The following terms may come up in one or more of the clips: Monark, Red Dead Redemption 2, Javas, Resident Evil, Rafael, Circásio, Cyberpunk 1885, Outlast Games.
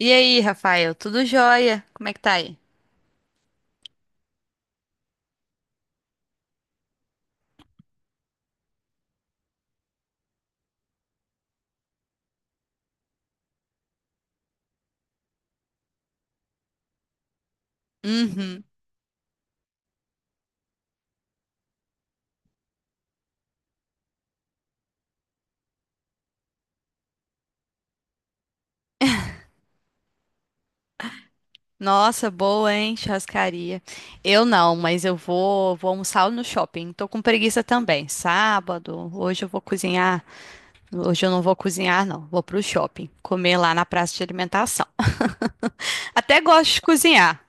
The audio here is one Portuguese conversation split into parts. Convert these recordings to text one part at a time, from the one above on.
E aí, Rafael, tudo jóia? Como é que tá aí? Uhum. Nossa, boa, hein? Churrascaria. Eu não, mas eu vou, vou almoçar no shopping. Tô com preguiça também. Sábado, hoje eu vou cozinhar. Hoje eu não vou cozinhar, não. Vou pro shopping, comer lá na praça de alimentação. Até gosto de cozinhar.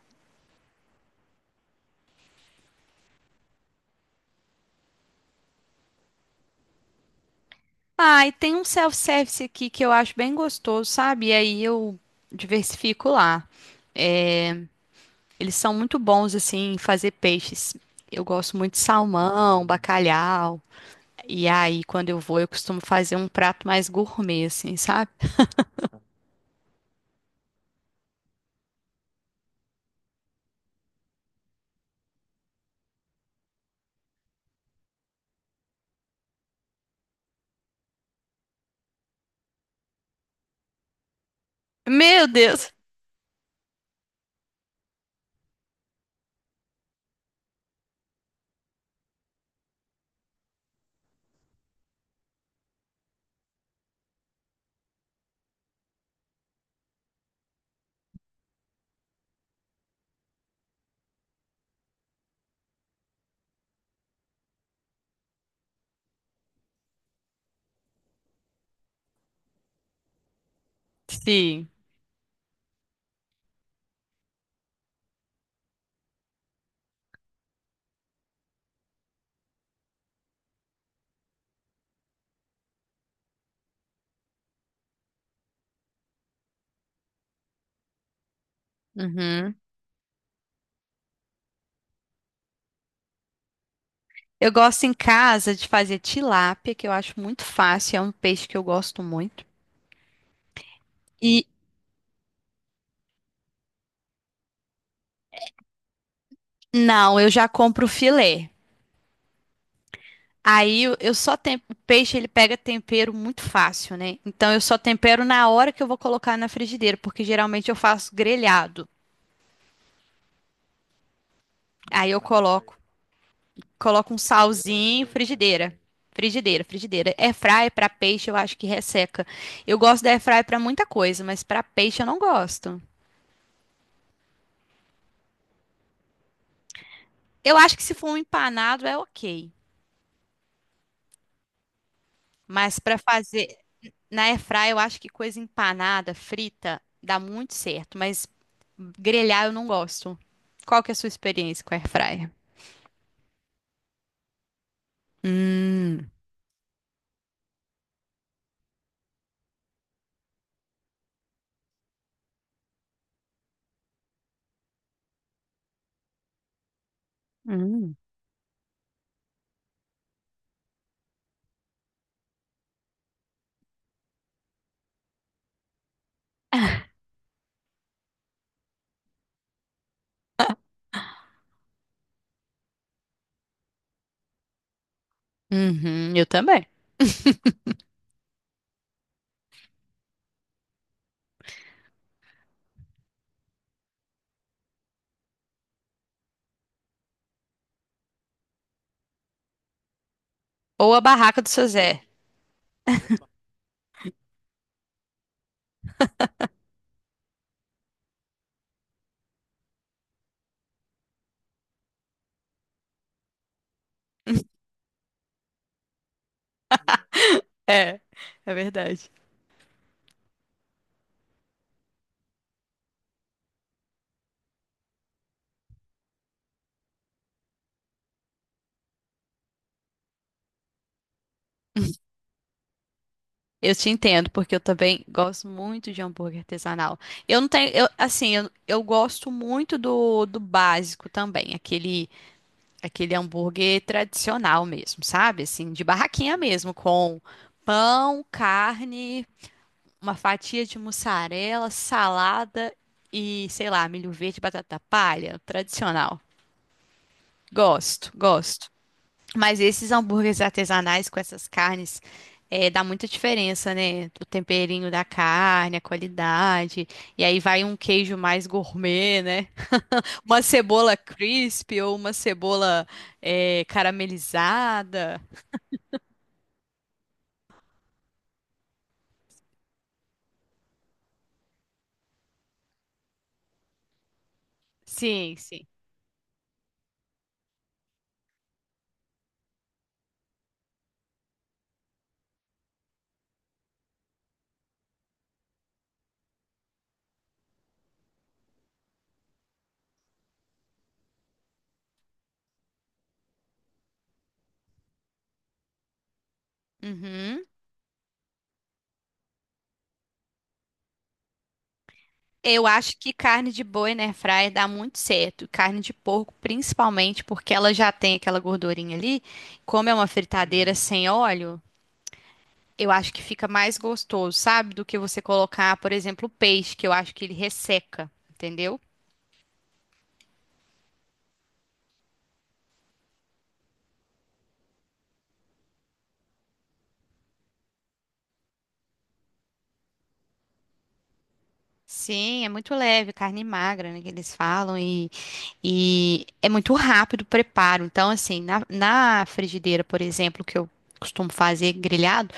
Ah, e tem um self-service aqui que eu acho bem gostoso, sabe? E aí eu diversifico lá. É, Eles são muito bons assim em fazer peixes. Eu gosto muito de salmão, bacalhau. E aí, quando eu vou, eu costumo fazer um prato mais gourmet, assim, sabe? Meu Deus! Sim. Uhum. Eu gosto em casa de fazer tilápia, que eu acho muito fácil, é um peixe que eu gosto muito. E não, eu já compro o filé. Aí eu só tem o peixe ele pega tempero muito fácil, né? Então eu só tempero na hora que eu vou colocar na frigideira, porque geralmente eu faço grelhado. Aí eu coloco. Coloca um salzinho, frigideira. Frigideira, frigideira. Airfry para peixe eu acho que resseca. Eu gosto da airfry para muita coisa, mas para peixe eu não gosto. Eu acho que se for um empanado é ok, mas para fazer na airfry eu acho que coisa empanada, frita, dá muito certo, mas grelhar eu não gosto. Qual que é a sua experiência com airfryer? Hum, hum. Uhum, eu também. Ou a barraca do seu Zé. É, é verdade. Eu te entendo, porque eu também gosto muito de hambúrguer artesanal. Eu não tenho, eu, assim, eu gosto muito do básico também, aquele, aquele hambúrguer tradicional mesmo, sabe? Assim, de barraquinha mesmo, com pão, carne, uma fatia de mussarela, salada e, sei lá, milho verde, batata palha, tradicional. Gosto, gosto. Mas esses hambúrgueres artesanais com essas carnes, dá muita diferença, né? O temperinho da carne, a qualidade. E aí vai um queijo mais gourmet, né? Uma cebola crisp ou uma cebola caramelizada. Sim, sim. Uhum. Eu acho que carne de boi na airfryer dá muito certo. Carne de porco, principalmente, porque ela já tem aquela gordurinha ali. Como é uma fritadeira sem óleo, eu acho que fica mais gostoso, sabe? Do que você colocar, por exemplo, peixe, que eu acho que ele resseca, entendeu? Sim, é muito leve, carne magra, né, que eles falam, e é muito rápido o preparo. Então, assim, na frigideira, por exemplo, que eu costumo fazer grelhado,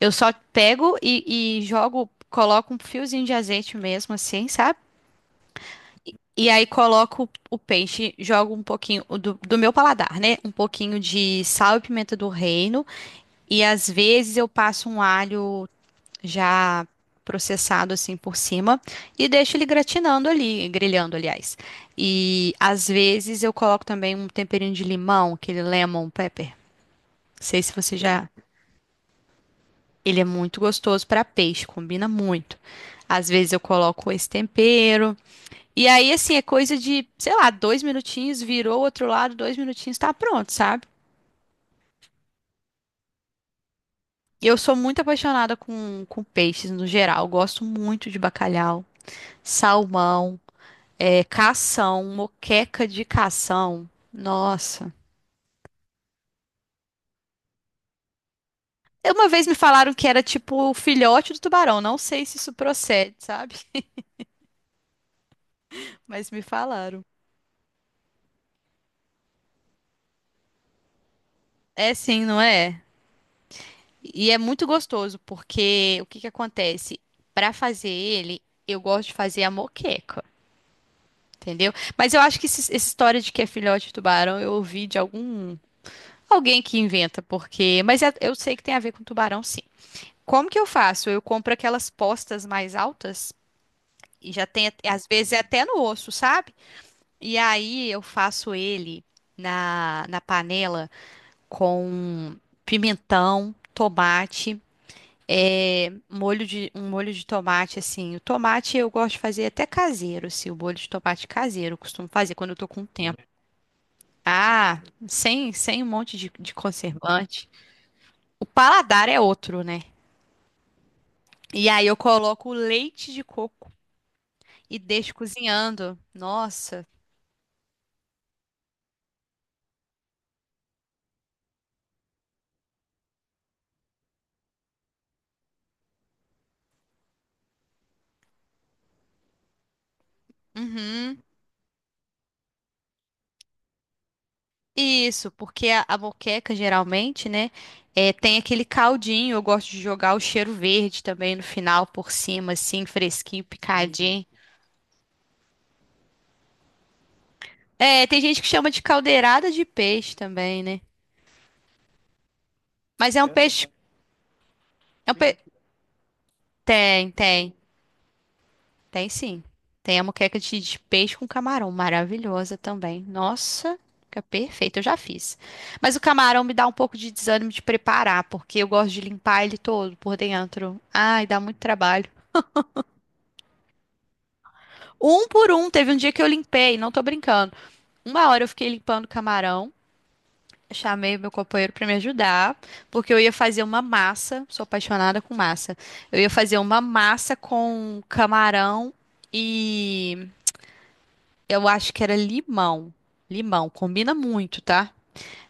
eu só pego e jogo, coloco um fiozinho de azeite mesmo, assim, sabe? E aí coloco o peixe, jogo um pouquinho o do meu paladar, né? Um pouquinho de sal e pimenta do reino. E às vezes eu passo um alho já processado assim por cima e deixo ele gratinando ali, grelhando, aliás. E às vezes eu coloco também um temperinho de limão, aquele lemon pepper. Não sei se você já. Ele é muito gostoso para peixe, combina muito. Às vezes eu coloco esse tempero. E aí, assim, é coisa de, sei lá, dois minutinhos, virou o outro lado, dois minutinhos, tá pronto, sabe? E eu sou muito apaixonada com peixes no geral. Eu gosto muito de bacalhau, salmão, cação, moqueca de cação. Nossa. Uma vez me falaram que era tipo o filhote do tubarão. Não sei se isso procede, sabe? Mas me falaram. É sim, não é? E é muito gostoso, porque o que que acontece? Pra fazer ele, eu gosto de fazer a moqueca, entendeu? Mas eu acho que essa história de que é filhote de tubarão, eu ouvi de algum alguém que inventa, porque, eu sei que tem a ver com tubarão, sim. Como que eu faço? Eu compro aquelas postas mais altas e já tem, às vezes é até no osso, sabe? E aí eu faço ele na panela com pimentão, tomate, molho de, um molho de tomate assim. O tomate eu gosto de fazer até caseiro, assim, o molho de tomate caseiro eu costumo fazer quando eu tô com tempo. Ah, sem, sem um monte de conservante. O paladar é outro, né? E aí eu coloco leite de coco. E deixo cozinhando. Nossa. Uhum. Isso, porque a moqueca geralmente, né, tem aquele caldinho. Eu gosto de jogar o cheiro verde também no final, por cima, assim, fresquinho, picadinho. É, tem gente que chama de caldeirada de peixe também, né? Mas é um peixe. É um pe... Tem, tem. Tem sim. Tem a moqueca de peixe com camarão, maravilhosa também. Nossa, fica perfeito, eu já fiz. Mas o camarão me dá um pouco de desânimo de preparar, porque eu gosto de limpar ele todo por dentro. Ai, dá muito trabalho. Um por um, teve um dia que eu limpei, não tô brincando. Uma hora eu fiquei limpando o camarão. Chamei meu companheiro para me ajudar, porque eu ia fazer uma massa. Sou apaixonada com massa. Eu ia fazer uma massa com camarão e eu acho que era limão. Limão, combina muito, tá?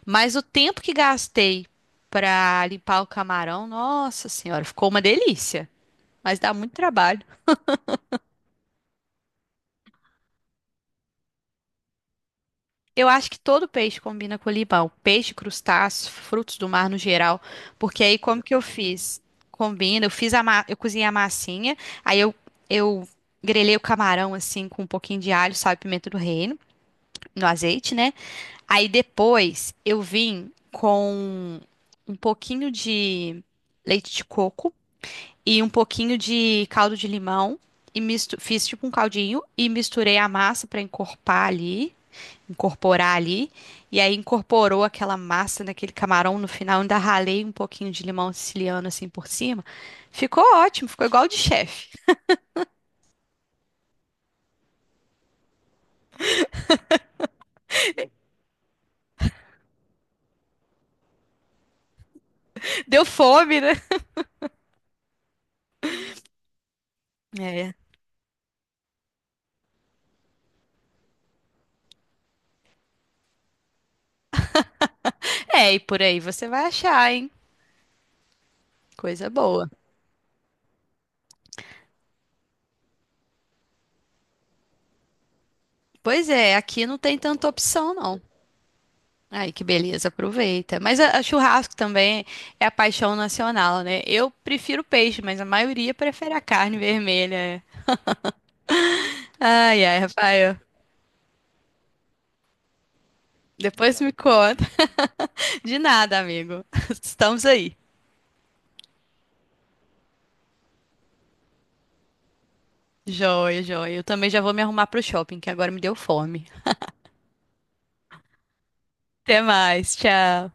Mas o tempo que gastei pra limpar o camarão, nossa senhora, ficou uma delícia. Mas dá muito trabalho. Eu acho que todo peixe combina com limão. Peixe, crustáceos, frutos do mar no geral. Porque aí como que eu fiz? Combina, eu cozinhei a massinha, aí eu, eu grelhei o camarão assim com um pouquinho de alho, sal e pimenta do reino, no azeite, né? Aí depois eu vim com um pouquinho de leite de coco e um pouquinho de caldo de limão e fiz tipo um caldinho e misturei a massa para encorpar ali, incorporar ali. E aí incorporou aquela massa naquele camarão no final, ainda ralei um pouquinho de limão siciliano assim por cima. Ficou ótimo, ficou igual de chefe. Deu fome, né? É. É, e por aí você vai achar, hein? Coisa boa. Pois é, aqui não tem tanta opção, não. Ai, que beleza, aproveita. Mas a churrasco também é a paixão nacional, né? Eu prefiro peixe, mas a maioria prefere a carne vermelha. Ai, ai, Rafael. Depois me conta. De nada, amigo. Estamos aí. Joia, joia. Eu também já vou me arrumar pro shopping, que agora me deu fome. Até mais, tchau.